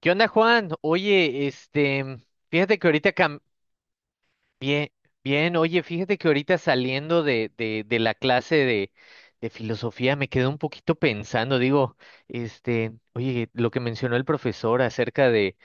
¿Qué onda, Juan? Oye, fíjate que ahorita bien, bien, oye, fíjate que ahorita saliendo de la clase de filosofía me quedé un poquito pensando, digo, este, oye, lo que mencionó el profesor acerca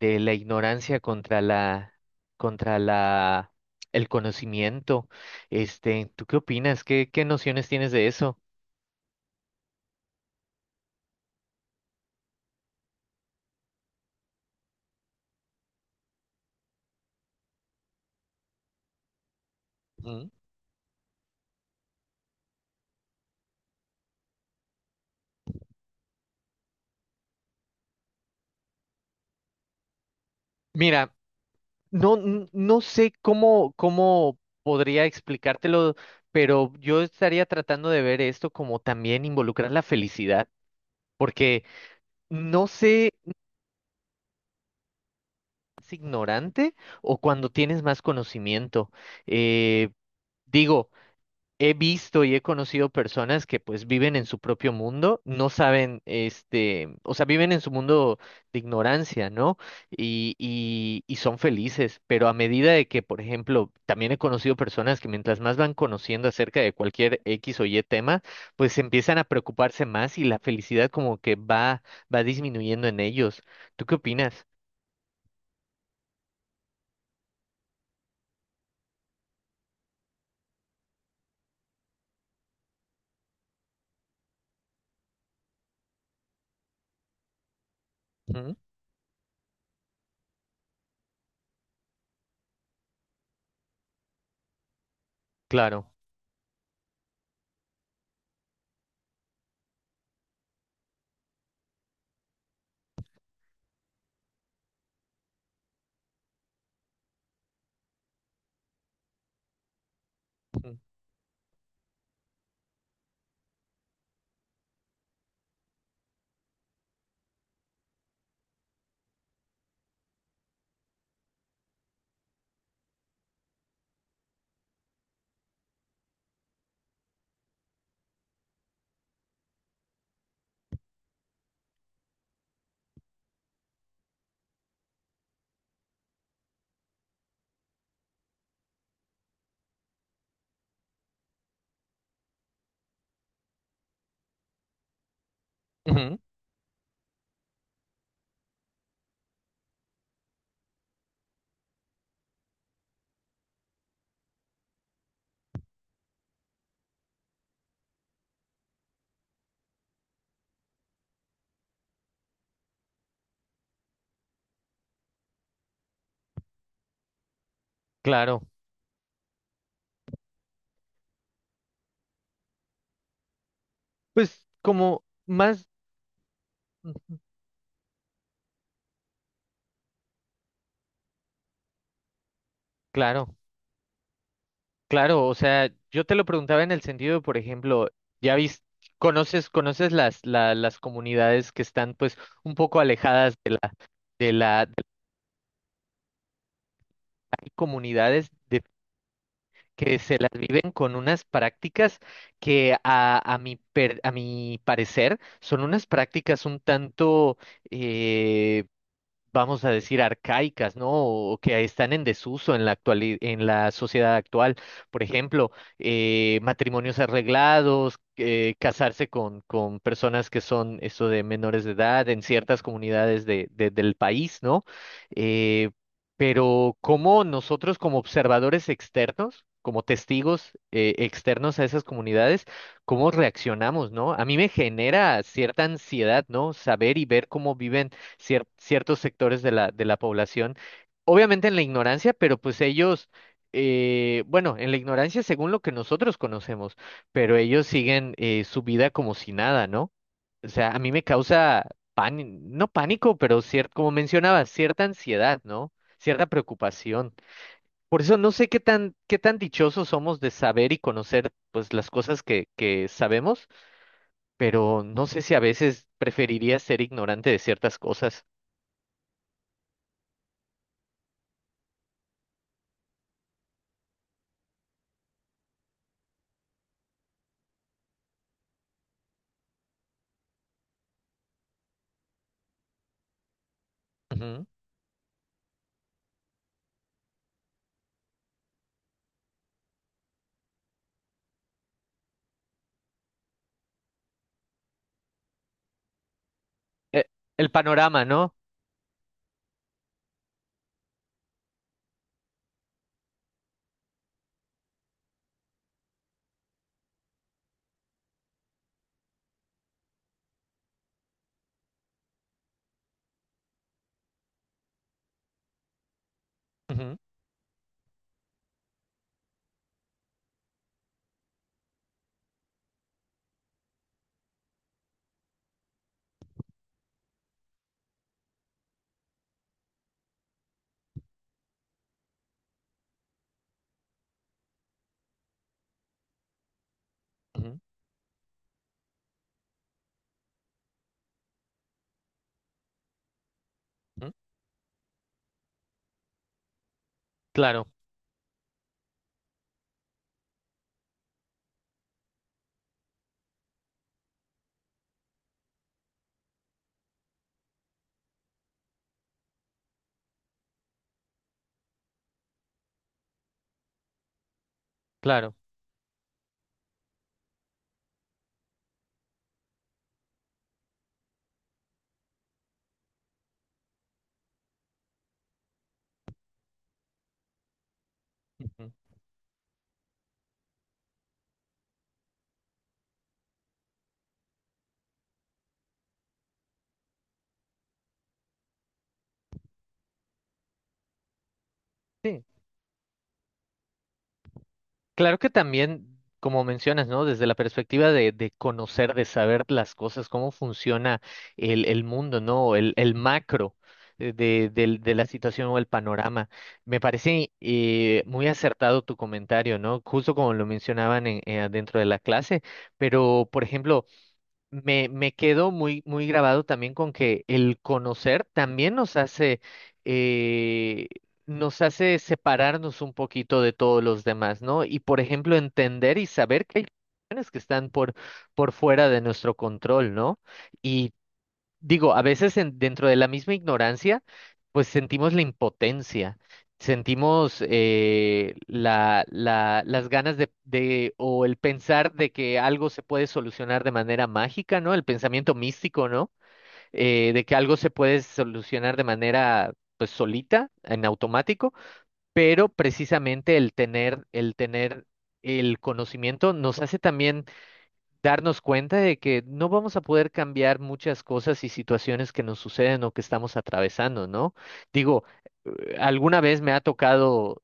de la ignorancia contra el conocimiento, este, ¿tú qué opinas? ¿Qué nociones tienes de eso? Ujú. Mira. No sé cómo, cómo podría explicártelo, pero yo estaría tratando de ver esto como también involucrar la felicidad, porque no sé si es ignorante o cuando tienes más conocimiento. Eh, digo, he visto y he conocido personas que pues viven en su propio mundo, no saben, este, o sea, viven en su mundo de ignorancia, ¿no? Y son felices, pero a medida de que, por ejemplo, también he conocido personas que mientras más van conociendo acerca de cualquier X o Y tema, pues empiezan a preocuparse más y la felicidad como que va, va disminuyendo en ellos. ¿Tú qué opinas? ¿Mm? Claro. Mm. Ujú. Claro. Pues como más... ujú. Claro. Claro, o sea, yo te lo preguntaba en el sentido, por ejemplo, ya viste, conoces, conoces las comunidades que están pues un poco alejadas de la, de las comunidades de, que se las viven con unas prácticas que a mi parecer son unas prácticas un tanto eh, vamos a decir, arcaicas, ¿no? O que están en desuso en la actuali- en la sociedad actual. Por ejemplo, matrimonios arreglados, casarse con personas que son eso de menores de edad en ciertas comunidades del país, ¿no? Eh, pero cómo nosotros como observadores externos, como testigos externos a esas comunidades, ¿cómo reaccionamos? ¿No? A mí me genera cierta ansiedad, ¿no? Saber y ver cómo viven ciertos sectores de la población, obviamente en la ignorancia, pero pues ellos, bueno, en la ignorancia según lo que nosotros conocemos, pero ellos siguen su vida como si nada, ¿no? O sea, a mí me causa pánico, no pánico, pero como mencionaba, cierta ansiedad, ¿no? Cierta preocupación. Por eso no sé qué tan dichosos somos de saber y conocer, pues, las cosas que sabemos, pero no sé si a veces preferiría ser ignorante de ciertas cosas. e- el panorama, ¿no? Ujú, ujú, ujú. Claro, claro. Ujú. Sí, claro que también, como mencionas, ¿no? Desde la perspectiva de conocer, de saber las cosas, cómo funciona el mundo, ¿no? El macro de la situación o el panorama. Me parece muy acertado tu comentario, ¿no? Justo como lo mencionaban en, dentro de la clase, pero, por ejemplo, me quedo muy, muy grabado también con que el conocer también eh, nos hace separarnos un poquito de todos los demás, ¿no? Y por ejemplo, entender y saber que hay cuestiones que están por fuera de nuestro control, ¿no? Y digo, a veces dentro de la misma ignorancia, pues sentimos la impotencia, sentimos las ganas o el pensar de que algo se puede solucionar de manera mágica, ¿no? El pensamiento místico, ¿no? De que algo se puede solucionar de manera, pues, solita, en automático, pero precisamente el tener el conocimiento nos hace también darnos cuenta de que no vamos a poder cambiar muchas cosas y situaciones que nos suceden o que estamos atravesando, ¿no? Digo, alguna vez me ha tocado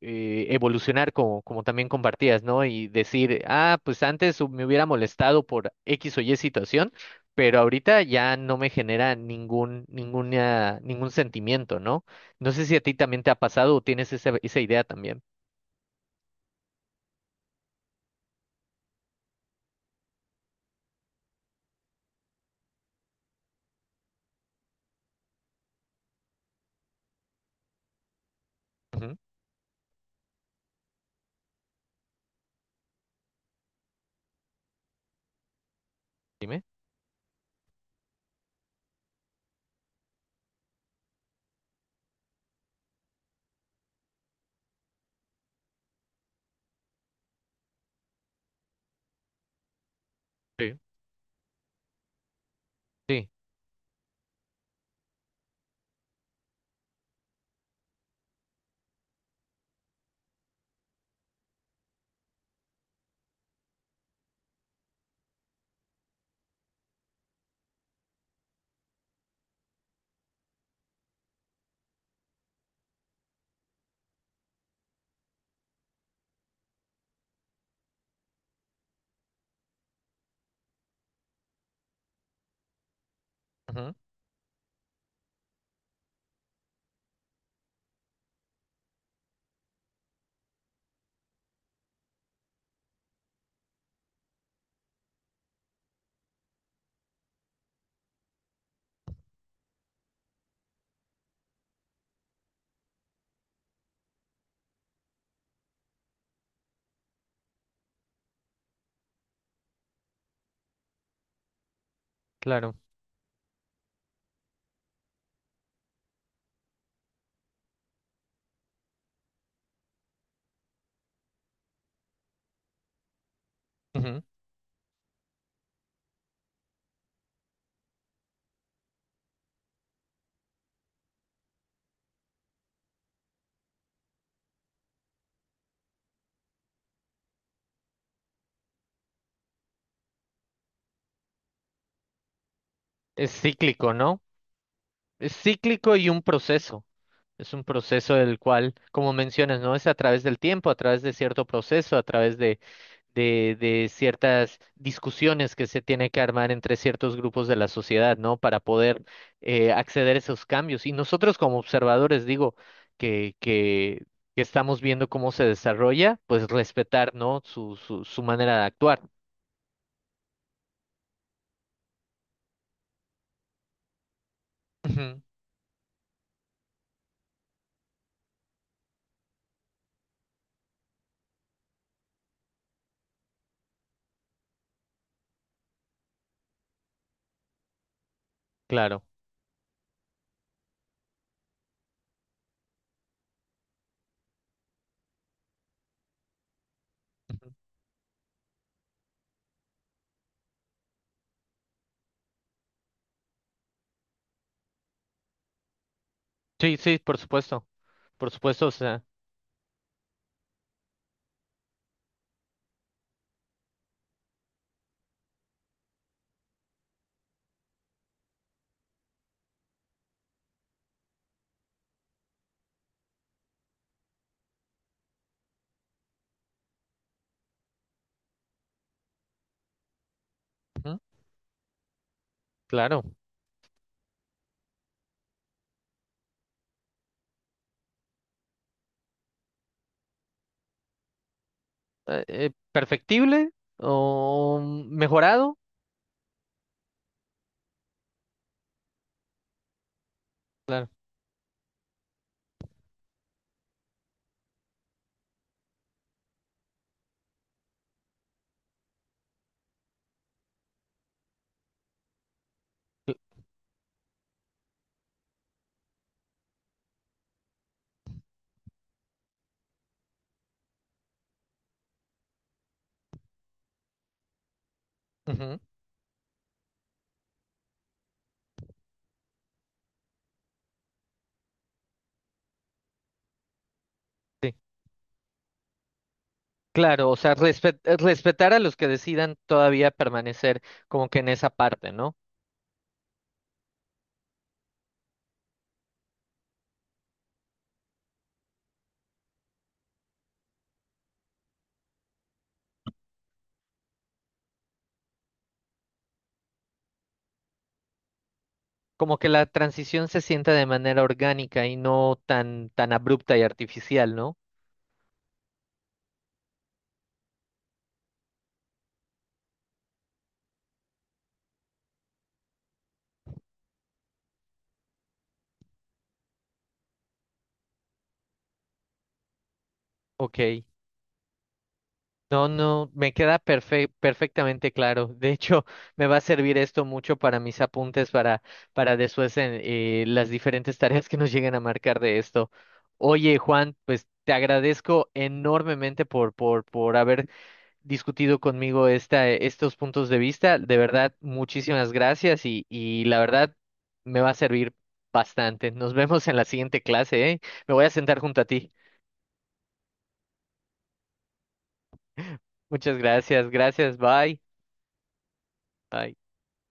evolucionar como, como también compartías, ¿no? Y decir, ah, pues antes me hubiera molestado por X o Y situación, pero ahorita ya no me genera ningún sentimiento, ¿no? No sé si a ti también te ha pasado o tienes esa, esa idea también. Ujú. Dime. Sí. Ujú, claro. Ujú. Es cíclico, ¿no? Es cíclico y un proceso. Es un proceso del cual, como mencionas, ¿no? Es a través del tiempo, a través de cierto proceso, a través de ciertas discusiones que se tiene que armar entre ciertos grupos de la sociedad, ¿no? Para poder acceder a esos cambios. Y nosotros como observadores, digo, que, que, que estamos viendo cómo se desarrolla, pues respetar, ¿no? Su manera de actuar. Ujú. Claro. Sí, sí, por supuesto. Por supuesto, o sea, ujú, claro. Perfectible o mejorado, claro. Ujú, sí. Claro, o sea, respetar a los que decidan todavía permanecer como que en esa parte, ¿no? Como que la transición se sienta de manera orgánica y no tan, tan abrupta y artificial, ¿no? Ok. No, no, me queda perfectamente claro. De hecho, me va a servir esto mucho para mis apuntes para después en las diferentes tareas que nos lleguen a marcar de esto. Oye, Juan, pues te agradezco enormemente por haber discutido conmigo esta, estos puntos de vista. De verdad, muchísimas gracias y la verdad me va a servir bastante. Nos vemos en la siguiente clase, ¿eh? Me voy a sentar junto a ti. Muchas gracias, gracias, bye. Bye.